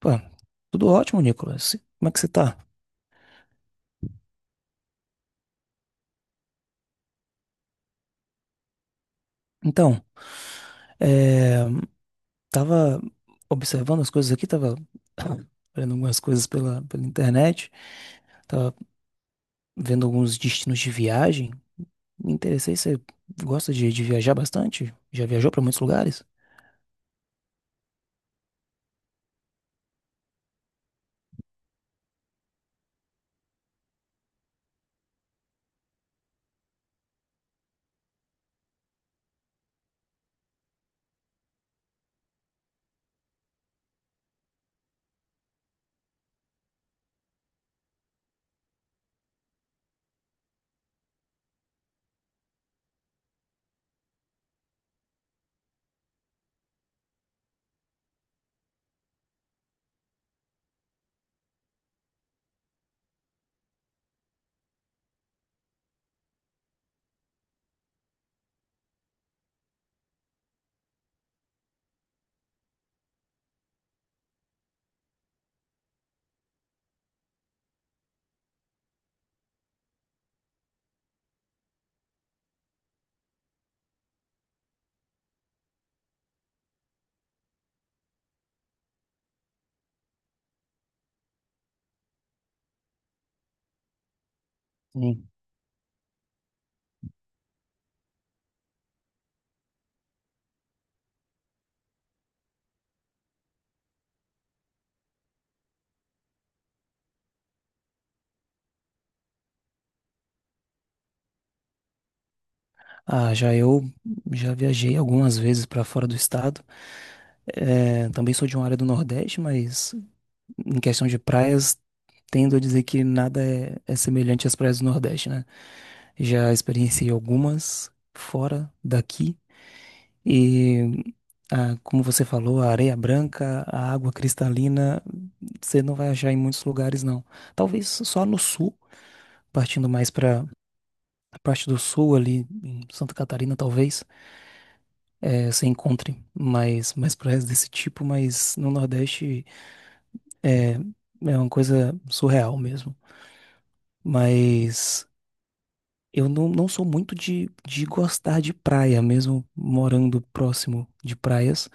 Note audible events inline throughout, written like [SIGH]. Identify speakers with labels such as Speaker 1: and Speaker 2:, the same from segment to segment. Speaker 1: Pô, tudo ótimo, Nicolas. Como é que você tá? Então, é, tava observando as coisas aqui, tava [COUGHS] vendo algumas coisas pela internet, tava vendo alguns destinos de viagem. Me interessei, você gosta de viajar bastante? Já viajou pra muitos lugares? Sim. Ah, já eu já viajei algumas vezes para fora do estado. É, também sou de uma área do Nordeste, mas em questão de praias, tendo a dizer que nada é semelhante às praias do Nordeste, né? Já experienciei algumas fora daqui. e Ah, como você falou, a areia branca, a água cristalina, você não vai achar em muitos lugares, não. Talvez só no sul, partindo mais para a parte do sul ali, em Santa Catarina, talvez, você encontre mais praias desse tipo, mas no Nordeste é uma coisa surreal mesmo. Mas eu não sou muito de gostar de praia, mesmo morando próximo de praias.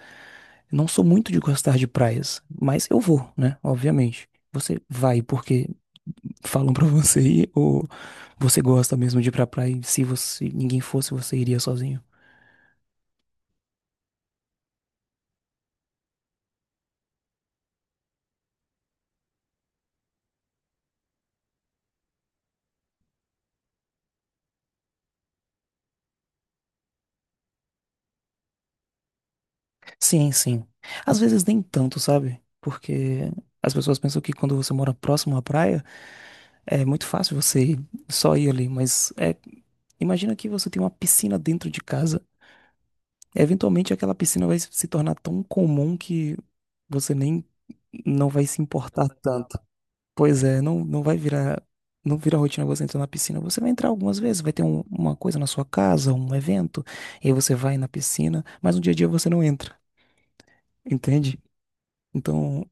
Speaker 1: Não sou muito de gostar de praias, mas eu vou, né? Obviamente. Você vai porque falam pra [LAUGHS] você ir ou você gosta mesmo de ir pra praia? Se você, ninguém fosse, você iria sozinho? Sim, sim. Às vezes nem tanto, sabe? Porque as pessoas pensam que quando você mora próximo à praia, é muito fácil você só ir ali, mas é, imagina que você tem uma piscina dentro de casa. Eventualmente aquela piscina vai se tornar tão comum que você nem não vai se importar tanto. Pois é, não vai virar, não vira rotina você entrar na piscina. Você vai entrar algumas vezes, vai ter uma coisa na sua casa, um evento, e aí você vai na piscina, mas no dia a dia você não entra, entende? Então,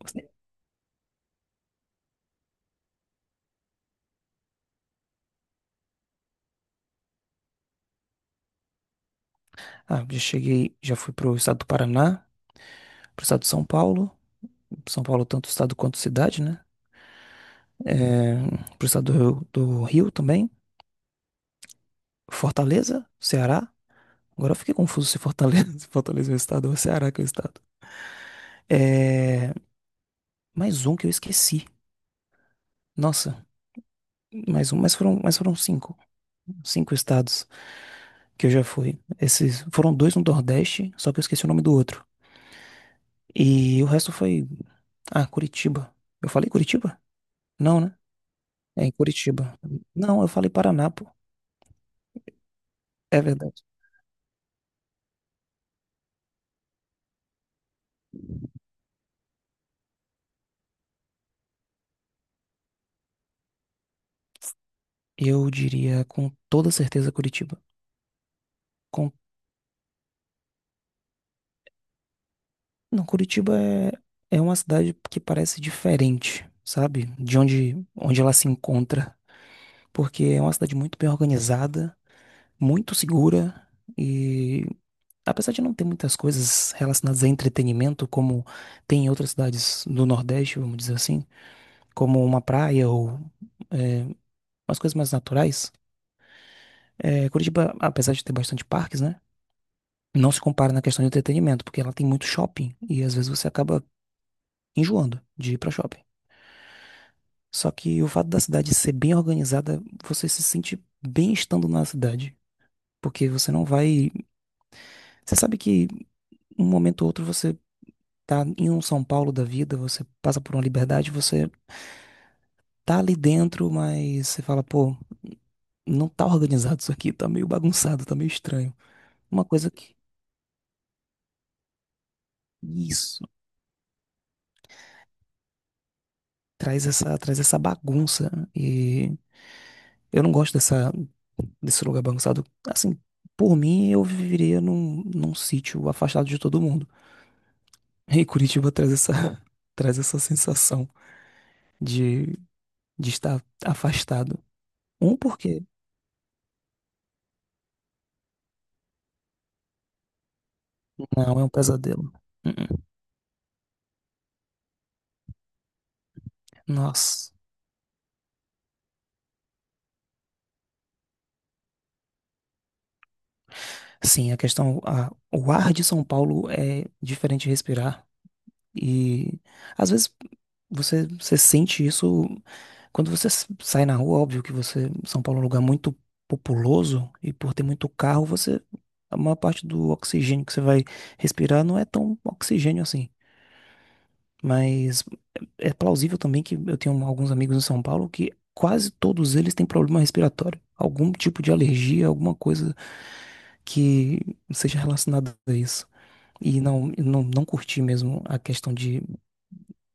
Speaker 1: ah, já cheguei, já fui pro estado do Paraná, pro estado de São Paulo, São Paulo tanto estado quanto cidade, né? É, pro estado do Rio também, Fortaleza, Ceará. Agora eu fiquei confuso se Fortaleza, [LAUGHS] se Fortaleza é o estado ou Ceará que é o estado. É, mais um que eu esqueci. Nossa, mais um, mas foram cinco. Cinco estados que eu já fui. Esses foram dois no Nordeste, só que eu esqueci o nome do outro. E o resto foi. Ah, Curitiba. Eu falei Curitiba? Não, né? É em Curitiba. Não, eu falei Paraná, pô. É verdade. Eu diria com toda certeza Curitiba. Com Não, Curitiba é uma cidade que parece diferente, sabe? De onde ela se encontra. Porque é uma cidade muito bem organizada, muito segura e, apesar de não ter muitas coisas relacionadas a entretenimento, como tem em outras cidades do Nordeste, vamos dizer assim, como uma praia ou é, umas coisas mais naturais, é, Curitiba, apesar de ter bastante parques, né? Não se compara na questão de entretenimento, porque ela tem muito shopping e às vezes você acaba enjoando de ir pra shopping. Só que o fato da cidade ser bem organizada, você se sente bem estando na cidade. Porque você não vai. Você sabe que um momento ou outro você tá em um São Paulo da vida, você passa por uma liberdade, você tá ali dentro, mas você fala, pô, não tá organizado isso aqui, tá meio bagunçado, tá meio estranho. Uma coisa que. Isso. Traz essa bagunça. E eu não gosto dessa, desse lugar bagunçado. Assim, por mim, eu viveria num sítio afastado de todo mundo. E Curitiba traz essa, [LAUGHS] traz essa sensação de, de estar afastado. Um porque não é um pesadelo. Uh-uh. Nossa. Sim, o ar de São Paulo é diferente de respirar. E às vezes você sente isso quando você sai na rua, óbvio que você, São Paulo é um lugar muito populoso e por ter muito carro, você, a maior parte do oxigênio que você vai respirar não é tão oxigênio assim. Mas é plausível também que eu tenho alguns amigos em São Paulo que quase todos eles têm problema respiratório, algum tipo de alergia, alguma coisa que seja relacionada a isso. E não, eu não curti mesmo a questão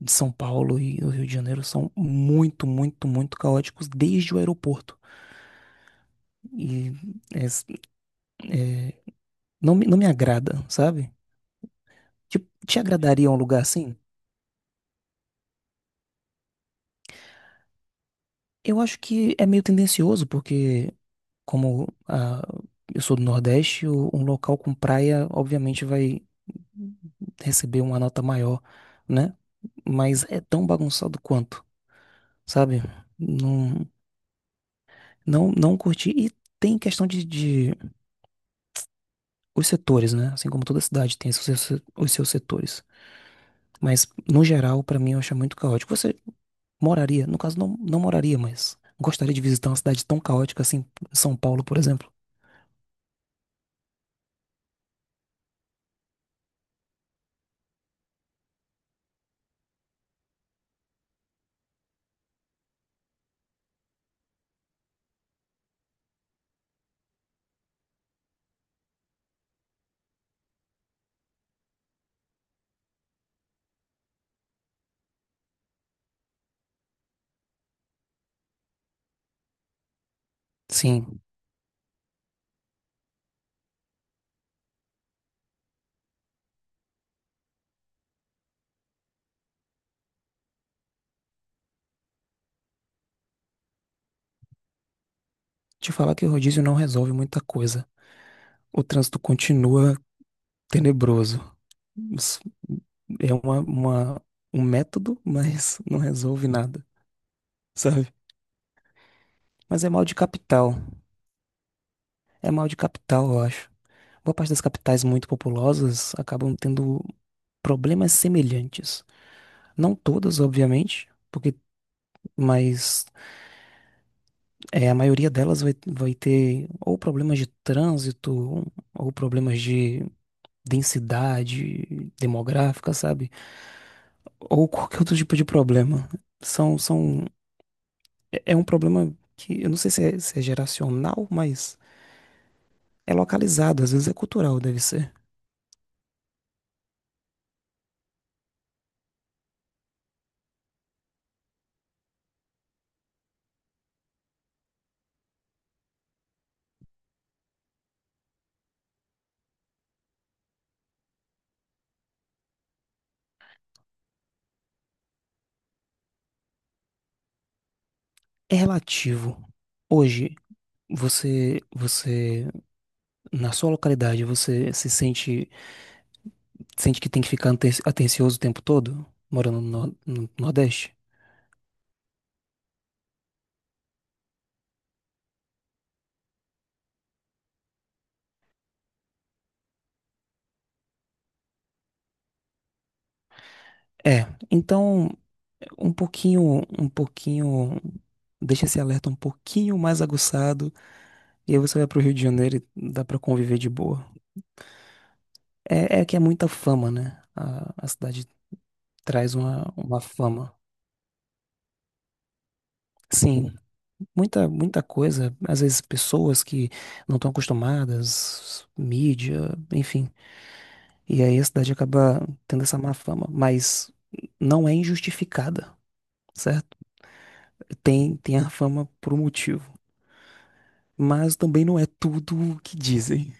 Speaker 1: de São Paulo e o Rio de Janeiro são muito, muito, muito caóticos desde o aeroporto. E é, não, não me agrada, sabe? Tipo, te agradaria um lugar assim? Eu acho que é meio tendencioso, porque como ah, eu sou do Nordeste, um local com praia, obviamente, vai receber uma nota maior, né? Mas é tão bagunçado quanto, sabe? Não, não, não curti. E tem questão de os setores, né? Assim como toda cidade tem os seus setores. Mas, no geral, pra mim, eu acho muito caótico. Você moraria, no caso, não moraria, mas gostaria de visitar uma cidade tão caótica assim, São Paulo, por exemplo? Sim, te falar que o rodízio não resolve muita coisa. O trânsito continua tenebroso. Isso é um método, mas não resolve nada, sabe? Mas é mal de capital. É mal de capital, eu acho. Boa parte das capitais muito populosas acabam tendo problemas semelhantes. Não todas, obviamente, porque, mas é, a maioria delas vai ter ou problemas de trânsito, ou problemas de densidade demográfica, sabe? Ou qualquer outro tipo de problema. São, são é é um problema que eu não sei se é geracional, mas é localizado, às vezes é cultural, deve ser. É relativo. Hoje, você, na sua localidade, você se sente, sente que tem que ficar atencioso o tempo todo, morando no Nordeste? É. Então, um pouquinho, deixa esse alerta um pouquinho mais aguçado, e aí você vai pro Rio de Janeiro e dá pra conviver de boa. É, é que é muita fama, né? A cidade traz uma fama. Sim, muita coisa, às vezes pessoas que não estão acostumadas, mídia, enfim. E aí a cidade acaba tendo essa má fama, mas não é injustificada, certo? Tem a fama por um motivo, mas também não é tudo o que dizem.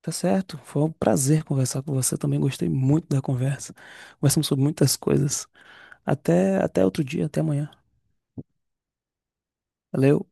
Speaker 1: Tá certo? Foi um prazer conversar com você também, gostei muito da conversa. Conversamos sobre muitas coisas. Até outro dia, até amanhã. Valeu.